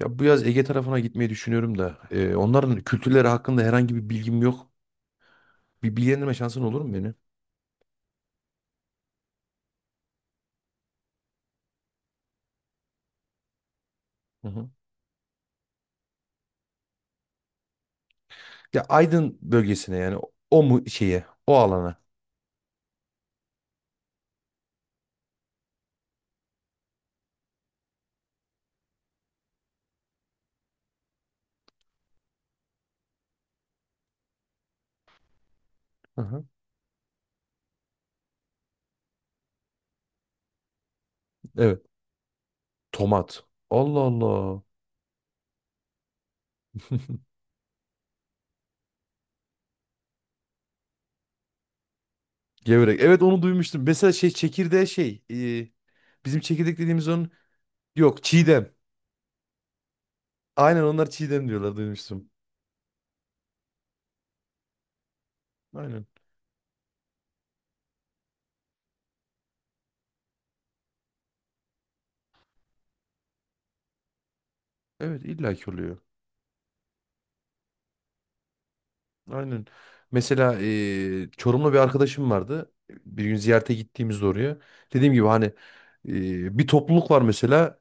Ya bu yaz Ege tarafına gitmeyi düşünüyorum da. Onların kültürleri hakkında herhangi bir bilgim yok. Bir bilgilendirme şansın olur mu beni? Hı hı. Ya Aydın bölgesine yani o mu şeye, o alana. Hı hı. Evet. Tomat. Allah Allah. Gevrek. Evet onu duymuştum. Mesela şey çekirdeğe şey. Bizim çekirdek dediğimiz onun. Yok çiğdem. Aynen, onlar çiğdem diyorlar, duymuştum. Aynen. Evet illaki oluyor. Aynen. Mesela Çorumlu bir arkadaşım vardı. Bir gün ziyarete gittiğimizde oraya. Dediğim gibi hani bir topluluk var mesela.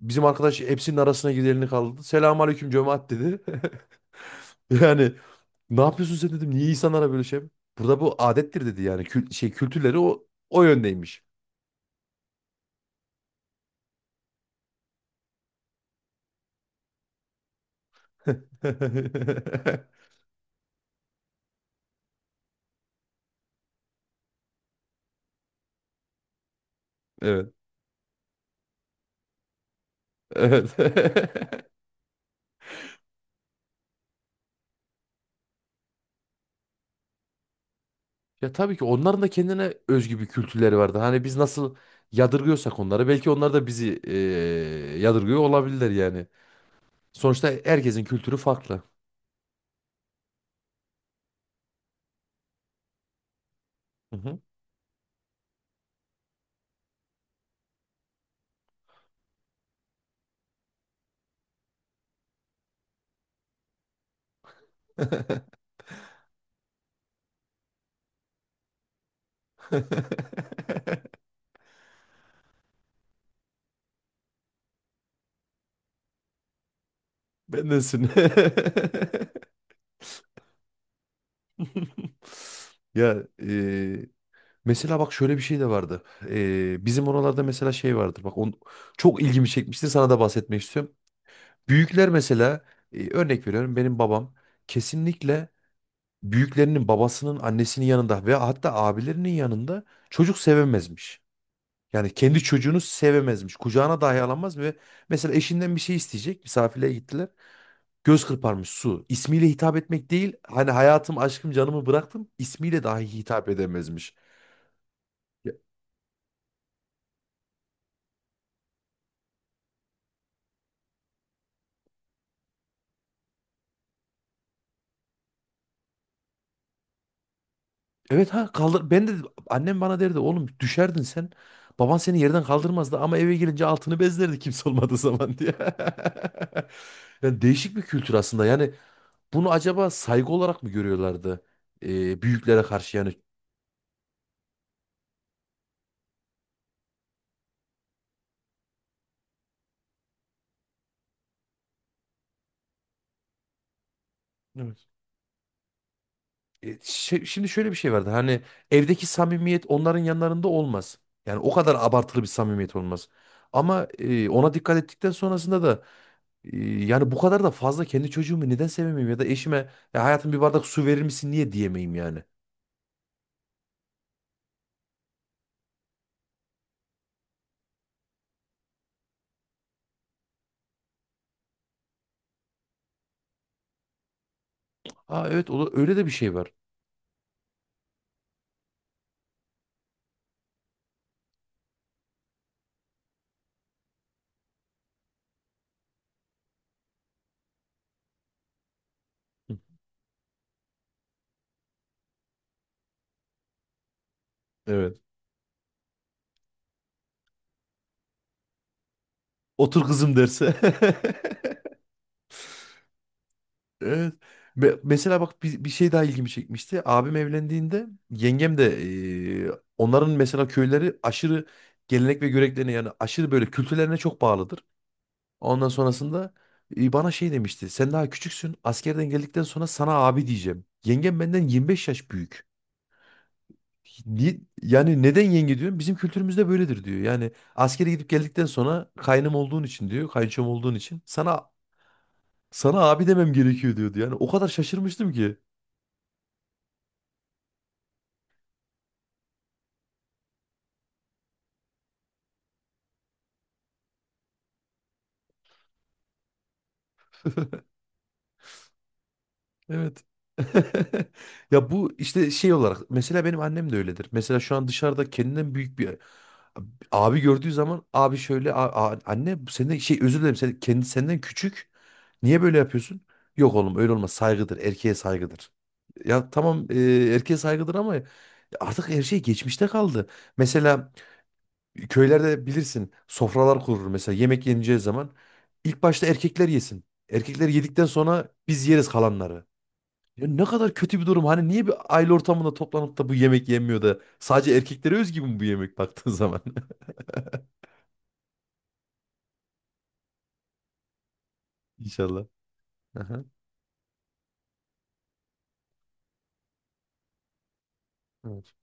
Bizim arkadaş hepsinin arasına giderini kaldı. Selamun aleyküm cemaat dedi. Yani ne yapıyorsun sen dedim. Niye insanlara böyle şey? Burada bu adettir dedi yani. Kül- şey kültürleri o yöndeymiş. Evet. Evet. Ya tabii ki onların da kendine özgü bir kültürleri vardı. Hani biz nasıl yadırgıyorsak onları, belki onlar da bizi yadırgıyor olabilirler yani. Sonuçta herkesin kültürü farklı. Hı hı. Bendensin. Ya mesela bak şöyle bir şey de vardı. Bizim oralarda mesela şey vardır. Bak on, çok ilgimi çekmişti. Sana da bahsetmek istiyorum. Büyükler mesela örnek veriyorum, benim babam kesinlikle büyüklerinin, babasının, annesinin yanında ve hatta abilerinin yanında çocuk sevemezmiş. Yani kendi çocuğunu sevemezmiş. Kucağına dahi alamaz ve mesela eşinden bir şey isteyecek. Misafirliğe gittiler. Göz kırparmış su. İsmiyle hitap etmek değil. Hani hayatım, aşkım, canımı bıraktım. İsmiyle dahi hitap edemezmiş. Ya, evet ha kaldır. Ben de, annem bana derdi oğlum düşerdin sen. Baban seni yerden kaldırmazdı ama eve gelince altını bezlerdi kimse olmadığı zaman diye. Yani değişik bir kültür aslında. Yani bunu acaba saygı olarak mı görüyorlardı? Büyüklere karşı yani. Evet. Şimdi şöyle bir şey vardı. Hani evdeki samimiyet onların yanlarında olmaz. Yani o kadar abartılı bir samimiyet olmaz. Ama ona dikkat ettikten sonrasında da yani bu kadar da fazla kendi çocuğumu neden sevemeyim ya da eşime "Ya hayatım bir bardak su verir misin" niye diyemeyim yani. Aa evet, o da- öyle de bir şey var. Hı. Evet. Otur kızım derse. Evet. Mesela bak bir şey daha ilgimi çekmişti. Abim evlendiğinde yengem de onların mesela köyleri aşırı gelenek ve göreneklerine, yani aşırı böyle kültürlerine çok bağlıdır. Ondan sonrasında bana şey demişti. Sen daha küçüksün. Askerden geldikten sonra sana abi diyeceğim. Yengem benden 25 yaş büyük. Yani neden yenge diyorum? Bizim kültürümüzde böyledir diyor. Yani askere gidip geldikten sonra kaynım olduğun için diyor. Kayınçom olduğun için sana abi demem gerekiyor diyordu. Yani o kadar şaşırmıştım ki. Evet. Ya bu işte şey olarak mesela benim annem de öyledir. Mesela şu an dışarıda kendinden büyük bir abi gördüğü zaman abi şöyle Anne senden şey özür dilerim, sen kendi senden küçük. Niye böyle yapıyorsun?" Yok oğlum öyle olmaz, saygıdır, erkeğe saygıdır. Ya tamam, erkeğe saygıdır ama artık her şey geçmişte kaldı. Mesela köylerde bilirsin sofralar kurulur, mesela yemek yeneceği zaman ilk başta erkekler yesin. Erkekler yedikten sonra biz yeriz kalanları. Ya ne kadar kötü bir durum. Hani niye bir aile ortamında toplanıp da bu yemek yenmiyor da sadece erkeklere özgü mü bu yemek baktığın zaman? İnşallah. Aha, evet.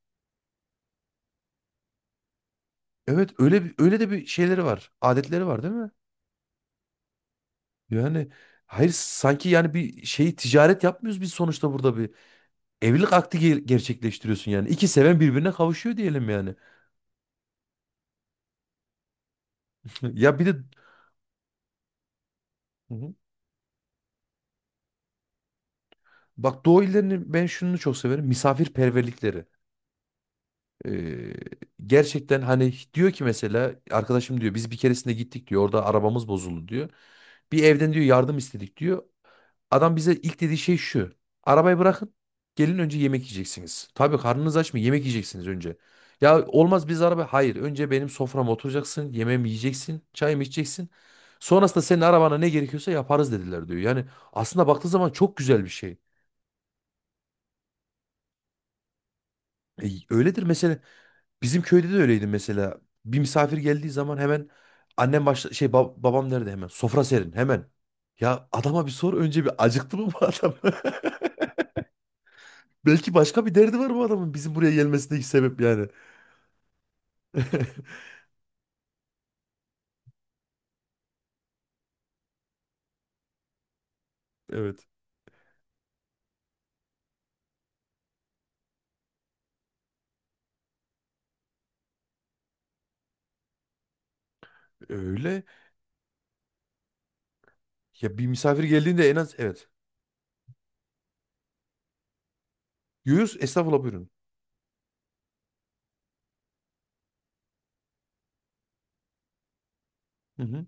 Evet öyle bir, öyle de bir şeyleri var. Adetleri var değil mi? Yani hayır, sanki yani bir şey ticaret yapmıyoruz biz, sonuçta burada bir evlilik akdi gerçekleştiriyorsun yani. İki seven birbirine kavuşuyor diyelim yani. Ya bir de Hı hı. bak Doğu illerinin ben şunu çok severim. Misafirperverlikleri. Eee, Gerçekten hani diyor ki, mesela arkadaşım diyor biz bir keresinde gittik diyor, orada arabamız bozuldu diyor. Bir evden diyor yardım istedik diyor. Adam bize ilk dediği şey şu. Arabayı bırakın, gelin önce yemek yiyeceksiniz. Tabii karnınız aç mı, yemek yiyeceksiniz önce. Ya olmaz, biz araba, hayır önce benim soframa oturacaksın, yemeğimi yiyeceksin, çayımı içeceksin. Sonrasında senin arabana ne gerekiyorsa yaparız dediler diyor. Yani aslında baktığı zaman çok güzel bir şey. Öyledir mesela. Bizim köyde de öyleydi mesela. Bir misafir geldiği zaman hemen annem başla şey babam nerede, hemen sofra serin hemen. Ya adama bir sor önce, bir acıktı mı bu adam? Belki başka bir derdi var bu adamın bizim buraya gelmesindeki sebep yani. Evet. Öyle. Ya bir misafir geldiğinde en az, evet. Yuyuz estağfurullah, buyurun. Hı hı.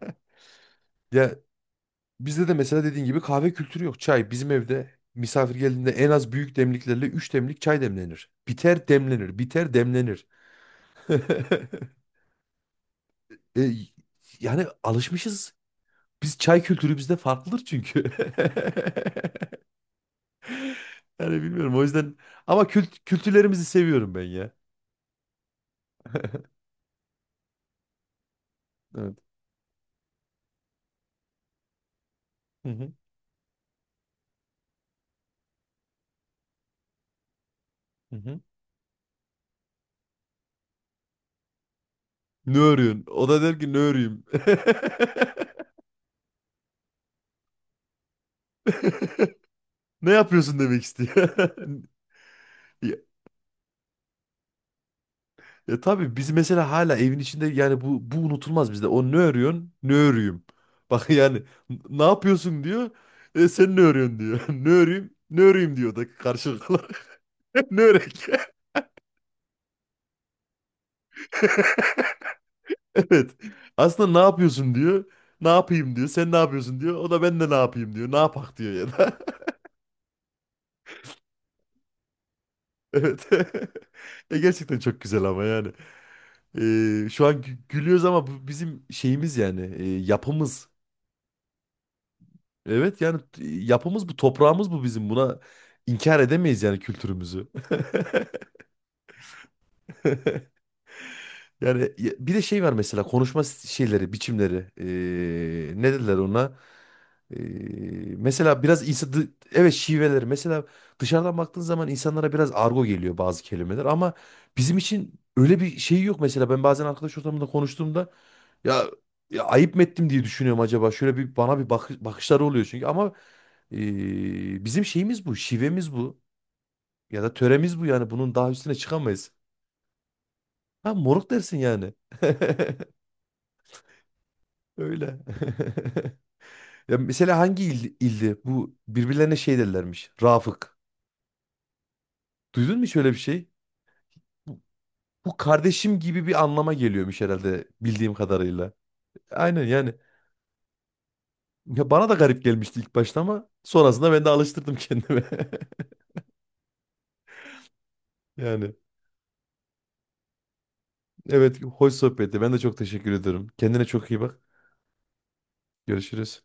Ya bizde de mesela dediğin gibi kahve kültürü yok. Çay, bizim evde misafir geldiğinde en az büyük demliklerle 3 demlik çay demlenir. Biter demlenir. Biter demlenir. E, Yani alışmışız. Biz çay kültürü bizde farklıdır çünkü. Yani bilmiyorum o yüzden, ama kültürlerimizi seviyorum ben ya. Evet. Hı hı. Hı hı. Ne örüyorsun? O da der ki ne öreyim. Ne yapıyorsun demek istiyor. Ya tabii biz mesela hala evin içinde yani bu unutulmaz bizde. O ne örüyorsun? Ne örüyüm. Bak yani Ne yapıyorsun" diyor. Sen ne örüyorsun" diyor. Ne öreyim? Ne öreyim diyor da karşılıklı. Ne örek? Evet. Aslında ne yapıyorsun diyor. Ne yapayım diyor. Sen ne yapıyorsun diyor. O da ben de ne yapayım diyor. Ne yapak diyor ya da. Evet. Gerçekten çok güzel ama yani. E, şu an gülüyoruz ama bu bizim şeyimiz yani. Yapımız. Evet yani yapımız bu, toprağımız bu bizim. Buna inkar edemeyiz yani kültürümüzü. Yani bir de şey var mesela konuşma şeyleri, biçimleri. Ne dediler ona? Ee, Mesela biraz insan, evet şiveleri. Mesela dışarıdan baktığın zaman insanlara biraz argo geliyor bazı kelimeler, ama bizim için öyle bir şey yok mesela. Ben bazen arkadaş ortamında konuştuğumda ya, ya ayıp mı ettim diye düşünüyorum acaba. Şöyle bir bana bir bakışları oluyor çünkü, ama bizim şeyimiz bu, şivemiz bu. Ya da töremiz bu yani. Bunun daha üstüne çıkamayız. Ha, moruk dersin yani. Öyle. Ya mesela hangi ildi? Bu birbirlerine şey derlermiş. Rafık. Duydun mu şöyle bir şey? Bu, bu kardeşim gibi bir anlama geliyormuş herhalde bildiğim kadarıyla. Aynen yani. Ya bana da garip gelmişti ilk başta ama sonrasında ben de alıştırdım kendime. Yani evet, hoş sohbetti. Ben de çok teşekkür ederim. Kendine çok iyi bak. Görüşürüz.